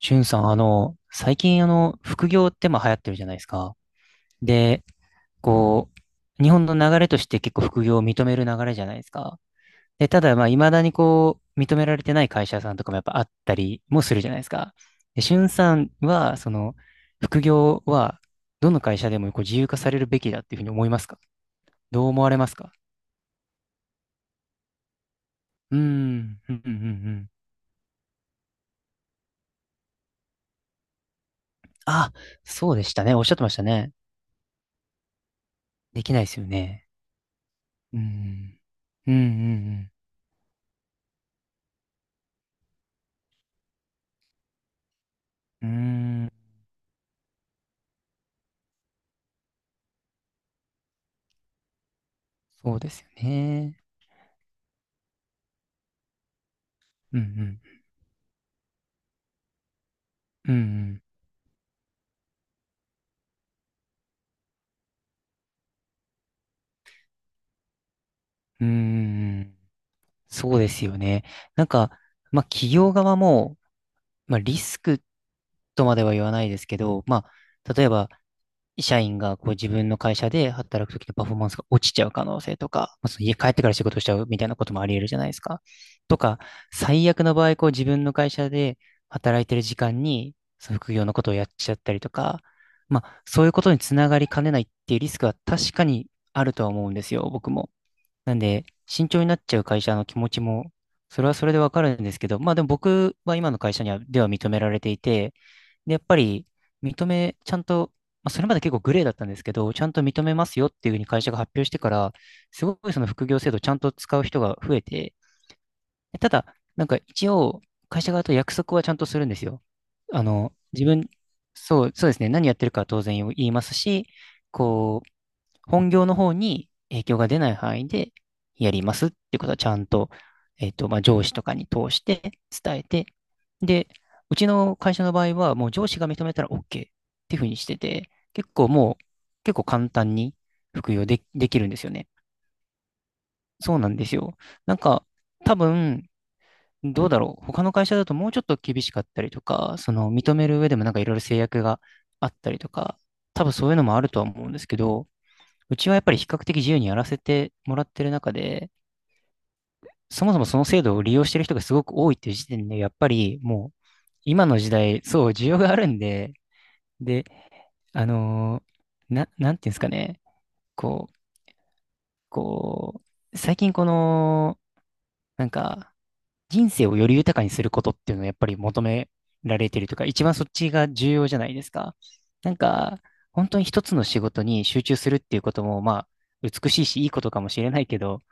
しゅんさん、最近、副業ってまあ流行ってるじゃないですか。で、こ日本の流れとして結構副業を認める流れじゃないですか。で、ただ、まあ、未だに認められてない会社さんとかもやっぱあったりもするじゃないですか。で、しゅんさんは、副業は、どの会社でも自由化されるべきだっていうふうに思いますか？どう思われますか？うーん、うん、うん、うん。あ、そうでしたね。おっしゃってましたね。できないですよね。うん、うん、うん、うん。ーそうですよね。うんうん。うんうん。うーん。そうですよね。なんか、まあ企業側も、まあリスクとまでは言わないですけど、まあ例えば社員がこう自分の会社で働くときのパフォーマンスが落ちちゃう可能性とか、まあその家帰ってから仕事しちゃうみたいなこともあり得るじゃないですか。とか、最悪の場合、こう自分の会社で働いてる時間に、その副業のことをやっちゃったりとか、まあそういうことにつながりかねないっていうリスクは確かにあるとは思うんですよ、僕も。なんで、慎重になっちゃう会社の気持ちも、それはそれでわかるんですけど、まあでも僕は今の会社には、では認められていて、で、やっぱりちゃんと、まあ、それまで結構グレーだったんですけど、ちゃんと認めますよっていうふうに会社が発表してから、すごいその副業制度をちゃんと使う人が増えて、でただ、なんか一応、会社側と約束はちゃんとするんですよ。あの、そう、そうですね、何やってるかは当然言いますし、こう、本業の方に影響が出ない範囲でやりますっていうことはちゃんと、まあ、上司とかに通して伝えて、で、うちの会社の場合は、もう上司が認めたら OK っていうふうにしてて、結構もう、結構簡単に服用で、できるんですよね。そうなんですよ。なんか、多分、どうだろう。他の会社だともうちょっと厳しかったりとか、その認める上でもなんかいろいろ制約があったりとか、多分そういうのもあるとは思うんですけど、うちはやっぱり比較的自由にやらせてもらってる中で、そもそもその制度を利用してる人がすごく多いっていう時点で、やっぱりもう今の時代、そう、需要があるんで、で、あのなんていうんですかね、こう、こ最近この、なんか、人生をより豊かにすることっていうのをやっぱり求められてるというか、一番そっちが重要じゃないですか。なんか、本当に一つの仕事に集中するっていうことも、まあ、美しいし、いいことかもしれないけど、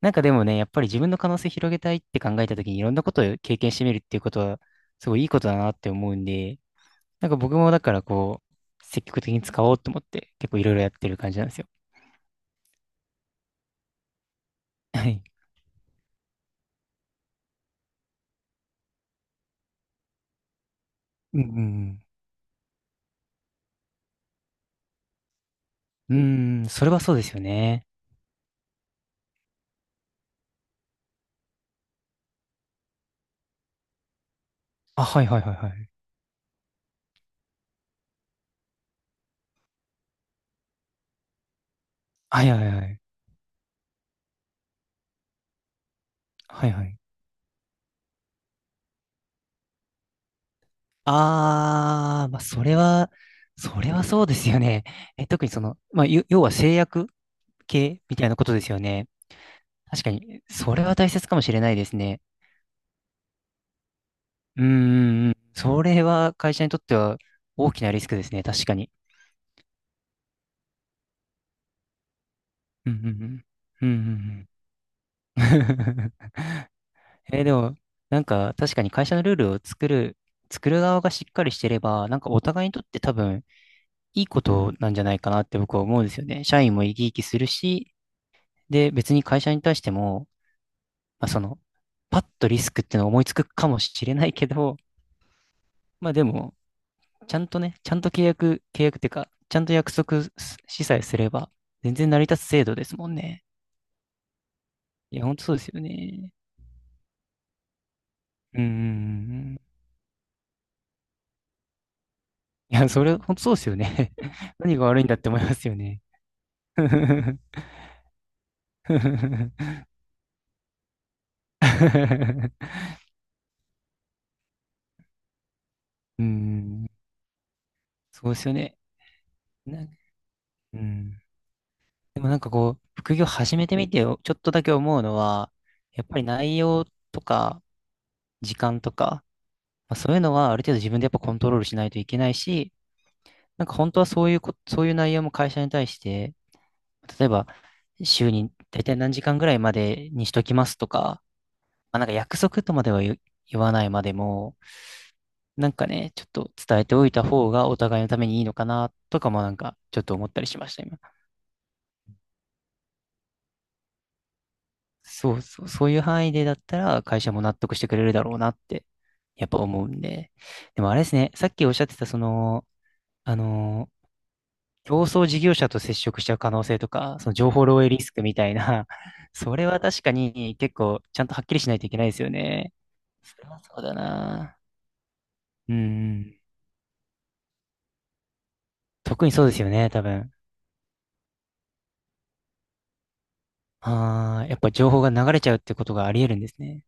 なんかでもね、やっぱり自分の可能性広げたいって考えた時にいろんなことを経験してみるっていうことは、すごいいいことだなって思うんで、なんか僕もだから積極的に使おうと思って結構いろいろやってる感じなんですよ。はい。うんうんうん。うーん、それはそうですよね。あ、はいはいはいはい。はいはいはい。はいはい。あー、まあそれはそうですよね。え、特にその、まあ、要は制約系みたいなことですよね。確かに、それは大切かもしれないですね。うんうんうん。それは会社にとっては大きなリスクですね、確かに。うんうんうん。うんうんうん。でも、なんか確かに会社のルールを作る側がしっかりしてれば、なんかお互いにとって多分いいことなんじゃないかなって僕は思うんですよね。社員も生き生きするし、で、別に会社に対しても、まあ、その、パッとリスクっていうのを思いつくかもしれないけど、まあでも、ちゃんとね、ちゃんと契約、契約ってか、ちゃんと約束しさえすれば、全然成り立つ制度ですもんね。いや、ほんとそうですよね。うんうんうんうん。いや、それ、ほんとそうですよね。何が悪いんだって思いますよね。うん、そうですよね。なうん。でもなんかこう、副業始めてみてよ、ちょっとだけ思うのは、やっぱり内容とか、時間とか、まあ、そういうのはある程度自分でやっぱコントロールしないといけないし、なんか本当はそういうこ、そういう内容も会社に対して、例えば週に大体何時間ぐらいまでにしときますとか、まあ、なんか約束とまでは言わないまでも、なんかね、ちょっと伝えておいた方がお互いのためにいいのかなとかもなんかちょっと思ったりしました、今。そうそう、そういう範囲でだったら会社も納得してくれるだろうなって、やっぱ思うんで。でもあれですね、さっきおっしゃってたその、あの競争事業者と接触しちゃう可能性とか、その情報漏洩リスクみたいな、それは確かに結構ちゃんとはっきりしないといけないですよね。それはそうだな。うん。特にそうですよね、多分。ああ、やっぱ情報が流れちゃうってことがあり得るんですね。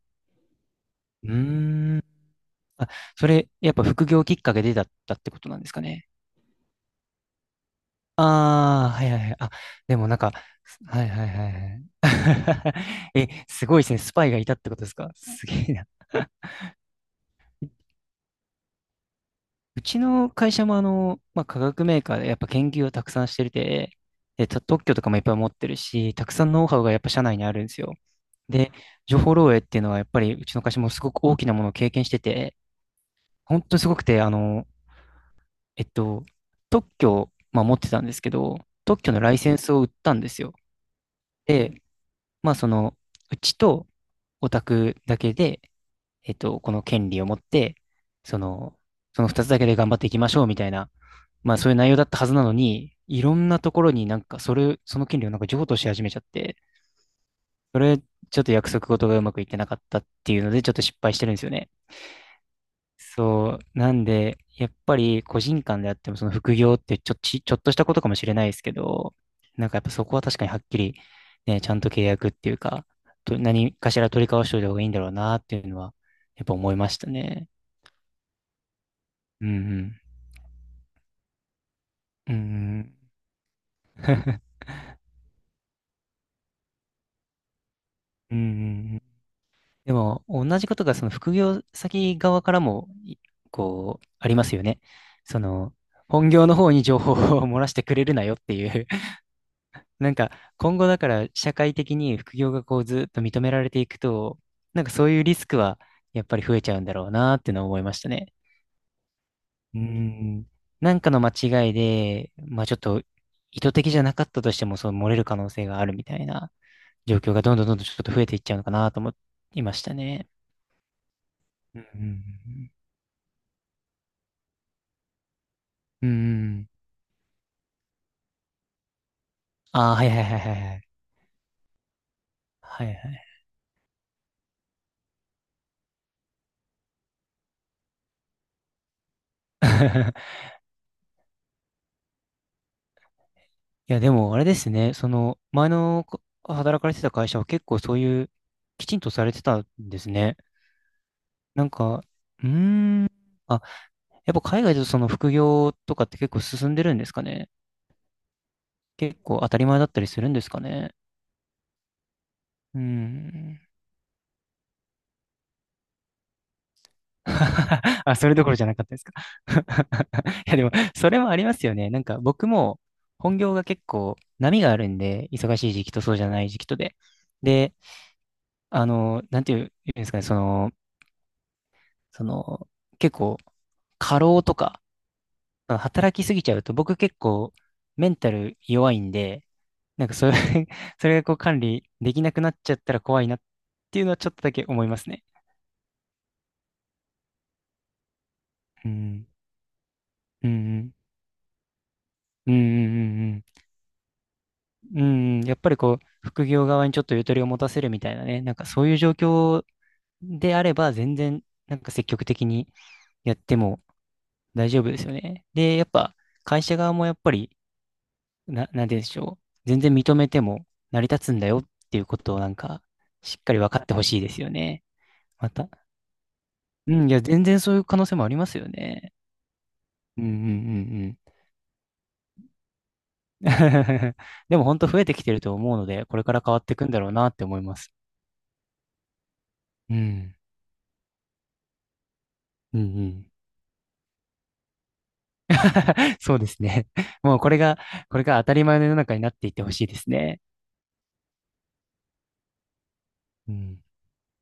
うーん。あ、それ、やっぱ副業きっかけでだったってことなんですかね。ああ、はいはいはい。あ、でもなんか、はいはいはいはい。え、すごいですね。スパイがいたってことですか？すげえ。うちの会社もまあ、化学メーカーでやっぱ研究をたくさんしてるて、で、特許とかもいっぱい持ってるし、たくさんノウハウがやっぱ社内にあるんですよ。で、情報漏洩っていうのはやっぱりうちの会社もすごく大きなものを経験してて、本当にすごくて、えっと、特許を、まあ、持ってたんですけど、特許のライセンスを売ったんですよ。で、まあその、うちとオタクだけで、この権利を持って、その、その二つだけで頑張っていきましょうみたいな、まあそういう内容だったはずなのに、いろんなところになんかその権利をなんか譲渡し始めちゃって、それ、ちょっと約束事がうまくいってなかったっていうので、ちょっと失敗してるんですよね。そう。なんで、やっぱり個人間であっても、その副業ってちょっとしたことかもしれないですけど、なんかやっぱそこは確かにはっきり、ね、ちゃんと契約っていうか、何かしら取り交わしておいた方がいいんだろうなっていうのは、やっぱ思いましたね。うんうん。うんうん。うんうんうん。でも、同じことがその副業先側からも、こう、ありますよね。その、本業の方に情報を 漏らしてくれるなよっていう なんか、今後だから社会的に副業がこうずっと認められていくと、なんかそういうリスクはやっぱり増えちゃうんだろうなっていうのは思いましたね。うん。なんかの間違いで、まあちょっと意図的じゃなかったとしても、そう漏れる可能性があるみたいな。状況がどんどんどんどんちょっと増えていっちゃうのかなと思いましたね。うんうんうん。うんうん。ああ、はいはいはいはいはい。はいはい。いや、でもあれですね、その、前の働かれてた会社は結構そういう、きちんとされてたんですね。なんか、うーん。あ、やっぱ海外だとその副業とかって結構進んでるんですかね。結構当たり前だったりするんですかね。うん。あ、それどころじゃなかったですか。いや、でも、それもありますよね。なんか、僕も、本業が結構、波があるんで、忙しい時期とそうじゃない時期とで。で、なんていうんですかね、その、結構、過労とか、働きすぎちゃうと、僕結構、メンタル弱いんで、なんか、それ それがこう、管理できなくなっちゃったら怖いなっていうのは、ちょっとだけ思いますね。うん。うんうん。うんうんうんうん。うん、やっぱり副業側にちょっとゆとりを持たせるみたいなね、なんかそういう状況であれば、全然、なんか積極的にやっても大丈夫ですよね。で、やっぱ、会社側もやっぱり、なんて言うんでしょう。全然認めても成り立つんだよっていうことをなんか、しっかり分かってほしいですよね。また。うん、いや、全然そういう可能性もありますよね。うんうんうんうん。でも本当増えてきてると思うので、これから変わっていくんだろうなって思います。うん。うんうん。そうですね。もうこれが当たり前の世の中になっていってほしいですね。うん。